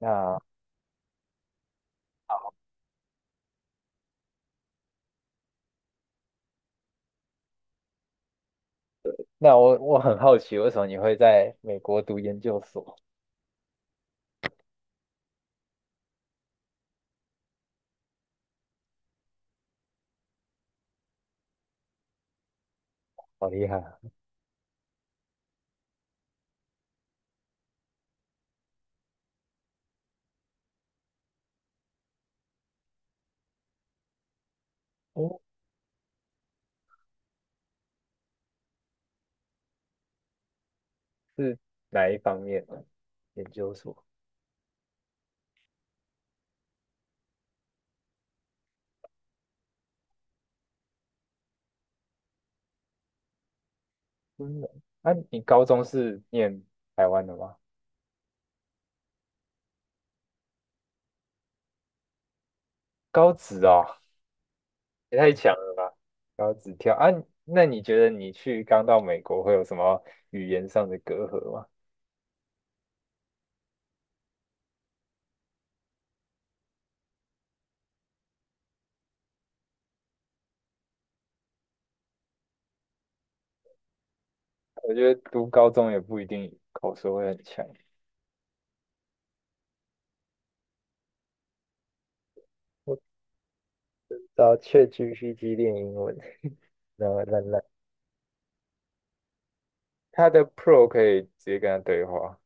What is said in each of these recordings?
那那我很好奇，为什么你会在美国读研究所？好厉害啊！哦，是哪一方面的研究所？嗯，啊，你高中是念台湾的吗？高职哦，也太强了吧！高职跳啊，那你觉得你去刚到美国会有什么语言上的隔阂吗？我觉得读高中也不一定口说会很强。我找 ChatGPT 练英文，然后烂烂。他的 Pro 可以直接跟他对话，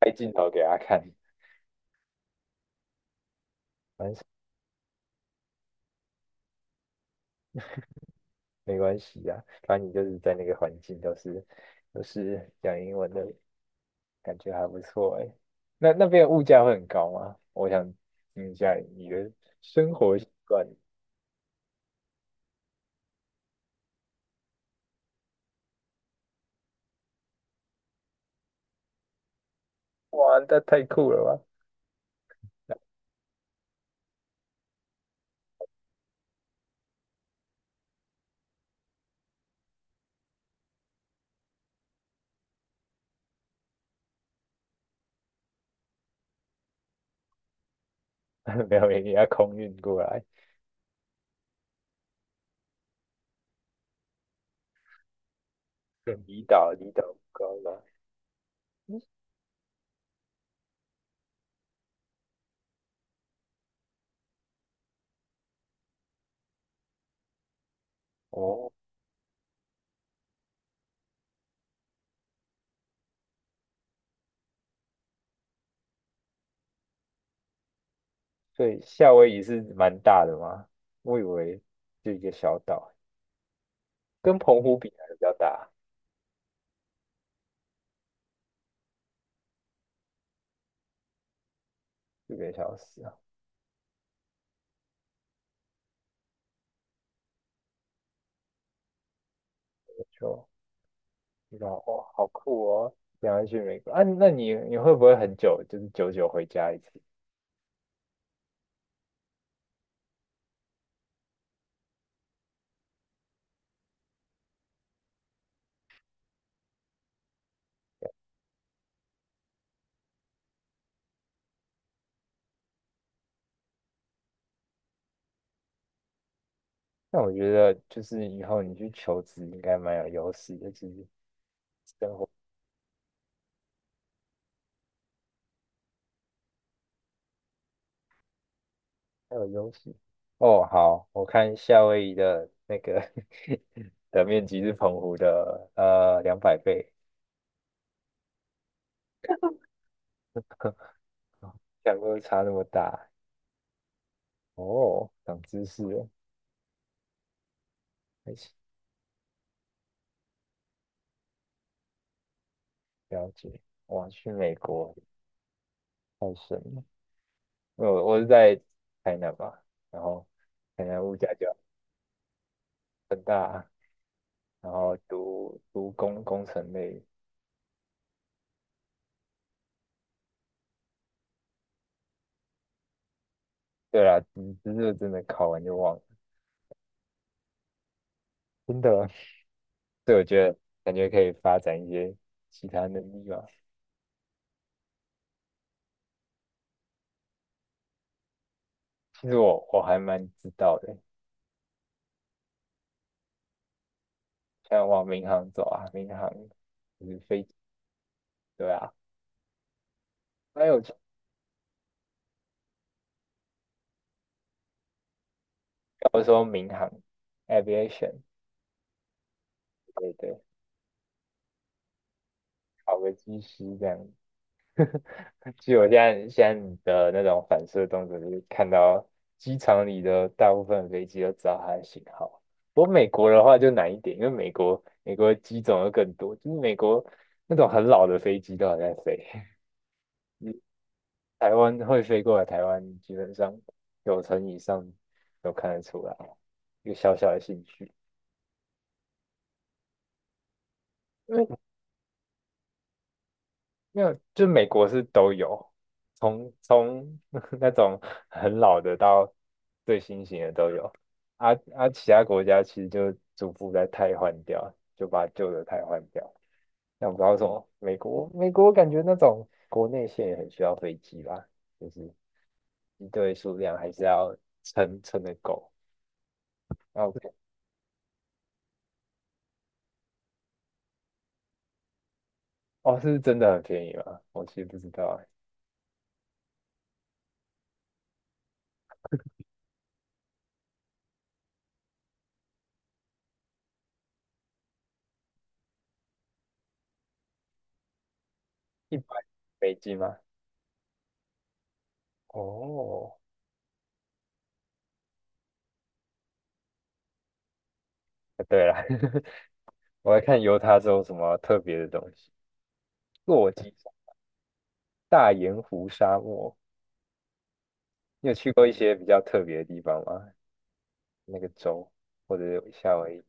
开镜头给他看。反正没关系呀、啊反正你就是在那个环境都是讲英文的，感觉还不错哎。那边物价会很高吗？我想听一下你的生活习惯。哇，那太酷了吧！没有，你要空运过来。嗯离岛不高了。嗯哦，对，夏威夷是蛮大的吗？我以为就一个小岛，跟澎湖比还是比较大，这个小时啊，就知道哦，好酷哦！想要去美国啊？那你会不会很久，就是久久回家一次？那我觉得就是以后你去求职应该蛮有优势的，其实生活蛮有优势。哦，好，我看夏威夷的那个 的面积是澎湖的200倍，两个差那么大哦，长知识了，还行，了解。哇，去美国太神了。我是在台南嘛，然后台南物价就很大，然后读工程类，对啦，只是真的考完就忘了，真的，所以我觉得感觉可以发展一些其他能力吧。其实我还蛮知道的，像往民航走啊，民航就是飞机，对啊，还有我说民航 aviation，对对，考个机师这样，据我现在你的那种反射动作，就是看到机场里的大部分飞机都知道它的型号。不过美国的话就难一点，因为美国机种又更多，就是美国那种很老的飞机都还在飞。你台湾会飞过来，台湾基本上九成以上都看得出来，一个小小的兴趣。因为没有，就美国是都有，从 那种很老的到最新型的都有，其他国家其实就逐步在汰换掉，就把旧的汰换掉。但我不知道为什么，美国感觉那种国内线也很需要飞机吧，就是一堆数量还是要撑得够。然后哦，是真的很便宜吗？我其实不知道欸，100美金吗？哦，对了。我来看犹他州什么特别的东西。落基山大盐湖沙漠，你有去过一些比较特别的地方吗？那个州或者是夏威夷？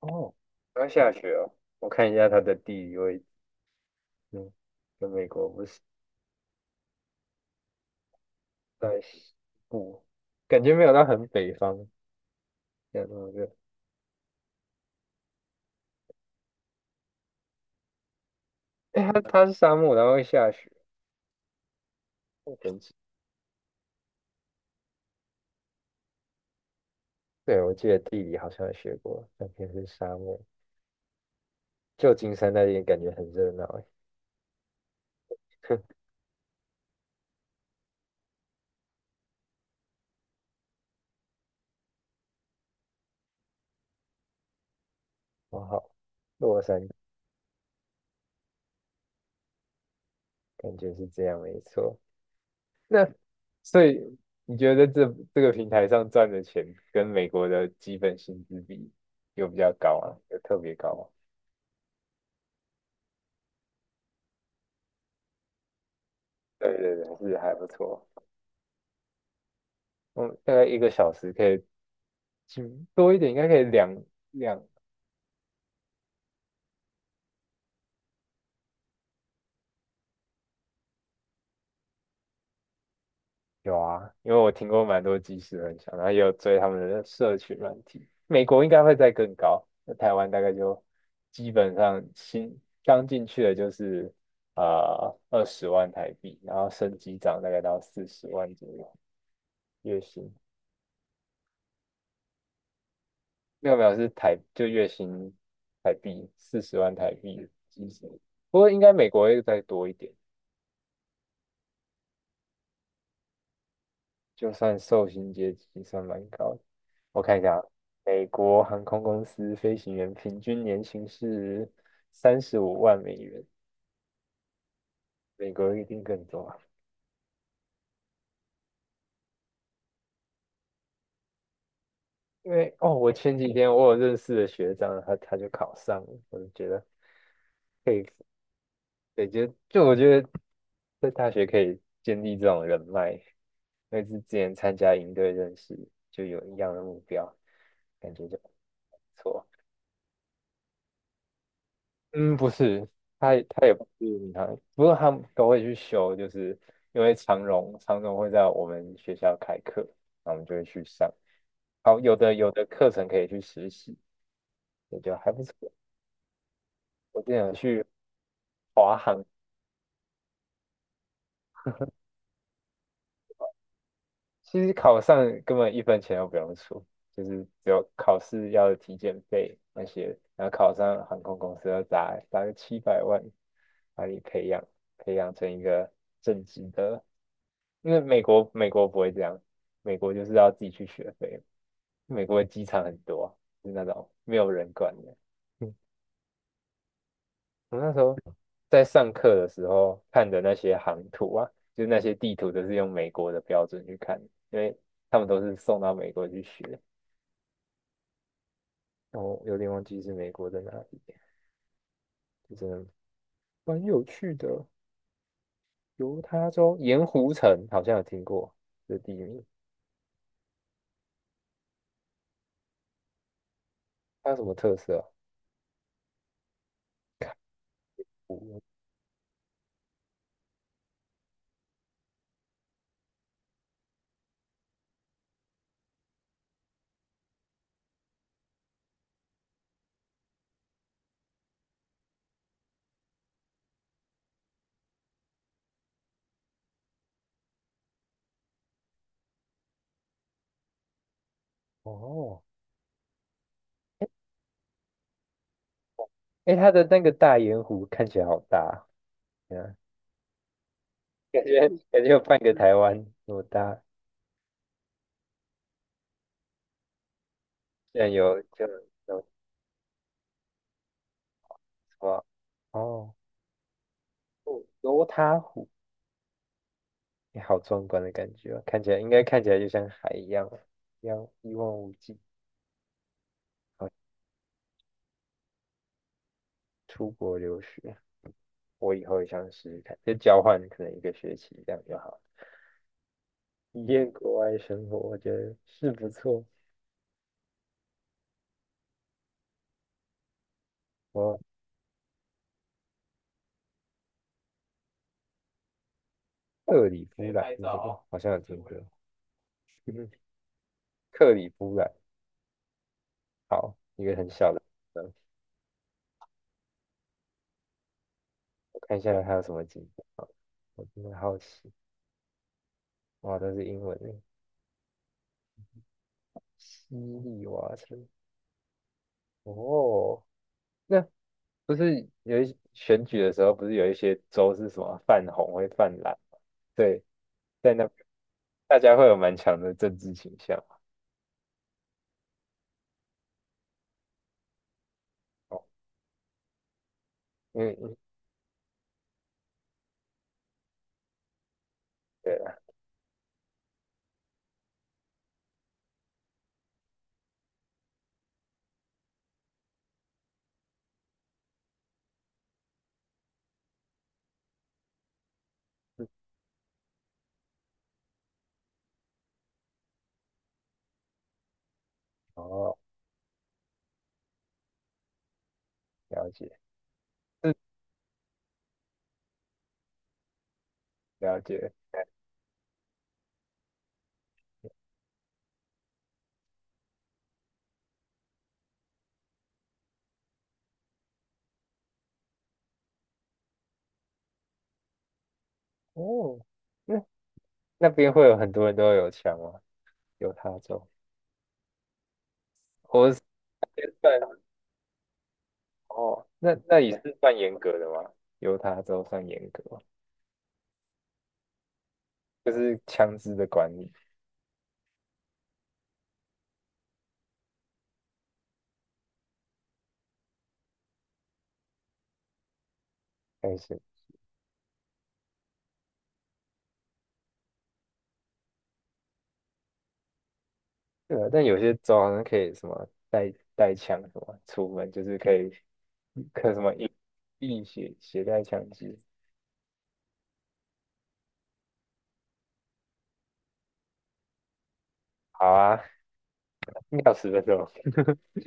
哦，刚下雪哦。我看一下它的地理位置，嗯，跟美国不是在西部，感觉没有到很北方，没有那么热。哎，它是沙漠，然后会下雪，好神奇。对，我记得地理好像有学过，那边是沙漠。旧金山那边感觉很热闹，哎，哇好，洛杉山。感觉是这样，没错。所以你觉得这个平台上赚的钱跟美国的基本薪资比有比较高啊？有特别高吗？对对对，是还不错。嗯，大概一个小时可以，多一点，应该可以两有啊，因为我听过蛮多即时分享，然后也有追他们的社群软体。美国应该会再更高，那台湾大概就基本上新刚进去的就是20万台币，然后升级涨大概到四十万左右月薪。没有没有是台就月薪台币四十万台币即时，不过应该美国会再多一点，就算受薪阶级算蛮高的。我看一下啊，美国航空公司飞行员平均年薪是35万美元，美国一定更多啊。因为哦，我前几天我有认识的学长，他就考上了，我就觉得佩服。对，就我觉得在大学可以建立这种人脉，因为是之前参加营队认识，就有一样的目标，感觉就不错。嗯，不是，他也不是民航，不过他们都会去修，就是因为长荣会在我们学校开课，那我们就会去上。好，有的课程可以去实习，也就还不错。我之前有去华航其实考上根本一分钱都不用出，就是只有考试要的体检费那些，然后考上航空公司要砸个700万，把你培养成一个正职的。因为美国不会这样，美国就是要自己去学费，美国的机场很多啊，就是那种没有人管的。我那时候在上课的时候看的那些航图啊，就是那些地图都是用美国的标准去看，因为他们都是送到美国去学。然有点忘记是美国在哪里，就真的蛮有趣的。犹他州盐湖城好像有听过这地名，它有什么特色啊湖哦，哎，它的那个大盐湖看起来好大啊，对啊感觉有半个台湾那么大，居然有就有哇哦。哦，犹他湖，你好壮观的感觉哦，看起来就像海一样一望无际。好，出国留学，我以后也想试试看，就交换可能一个学期这样就好了，体验国外生活，我觉得是不错。哦，克里夫兰，你好好像有听过，嗯克里夫兰，好，一个很小的地方，我看一下还有什么景点。好我真的好奇，哇，都是英文的，西里瓦城，哦。那。不是有一选举的时候，不是有一些州是什么泛红会泛蓝？对，在那大家会有蛮强的政治倾向嘛哦，嗯嗯对了，哦，了解，嗯，了解，哦，那那边会有很多人都有枪吗？犹他州，我是办哦，那也是算严格的吗？犹他州算严格吗就是枪支的管理，还是？对啊，但有些州好像可以什么带枪什么出门，就是可以可什么硬携带枪支。好啊，妙死分钟。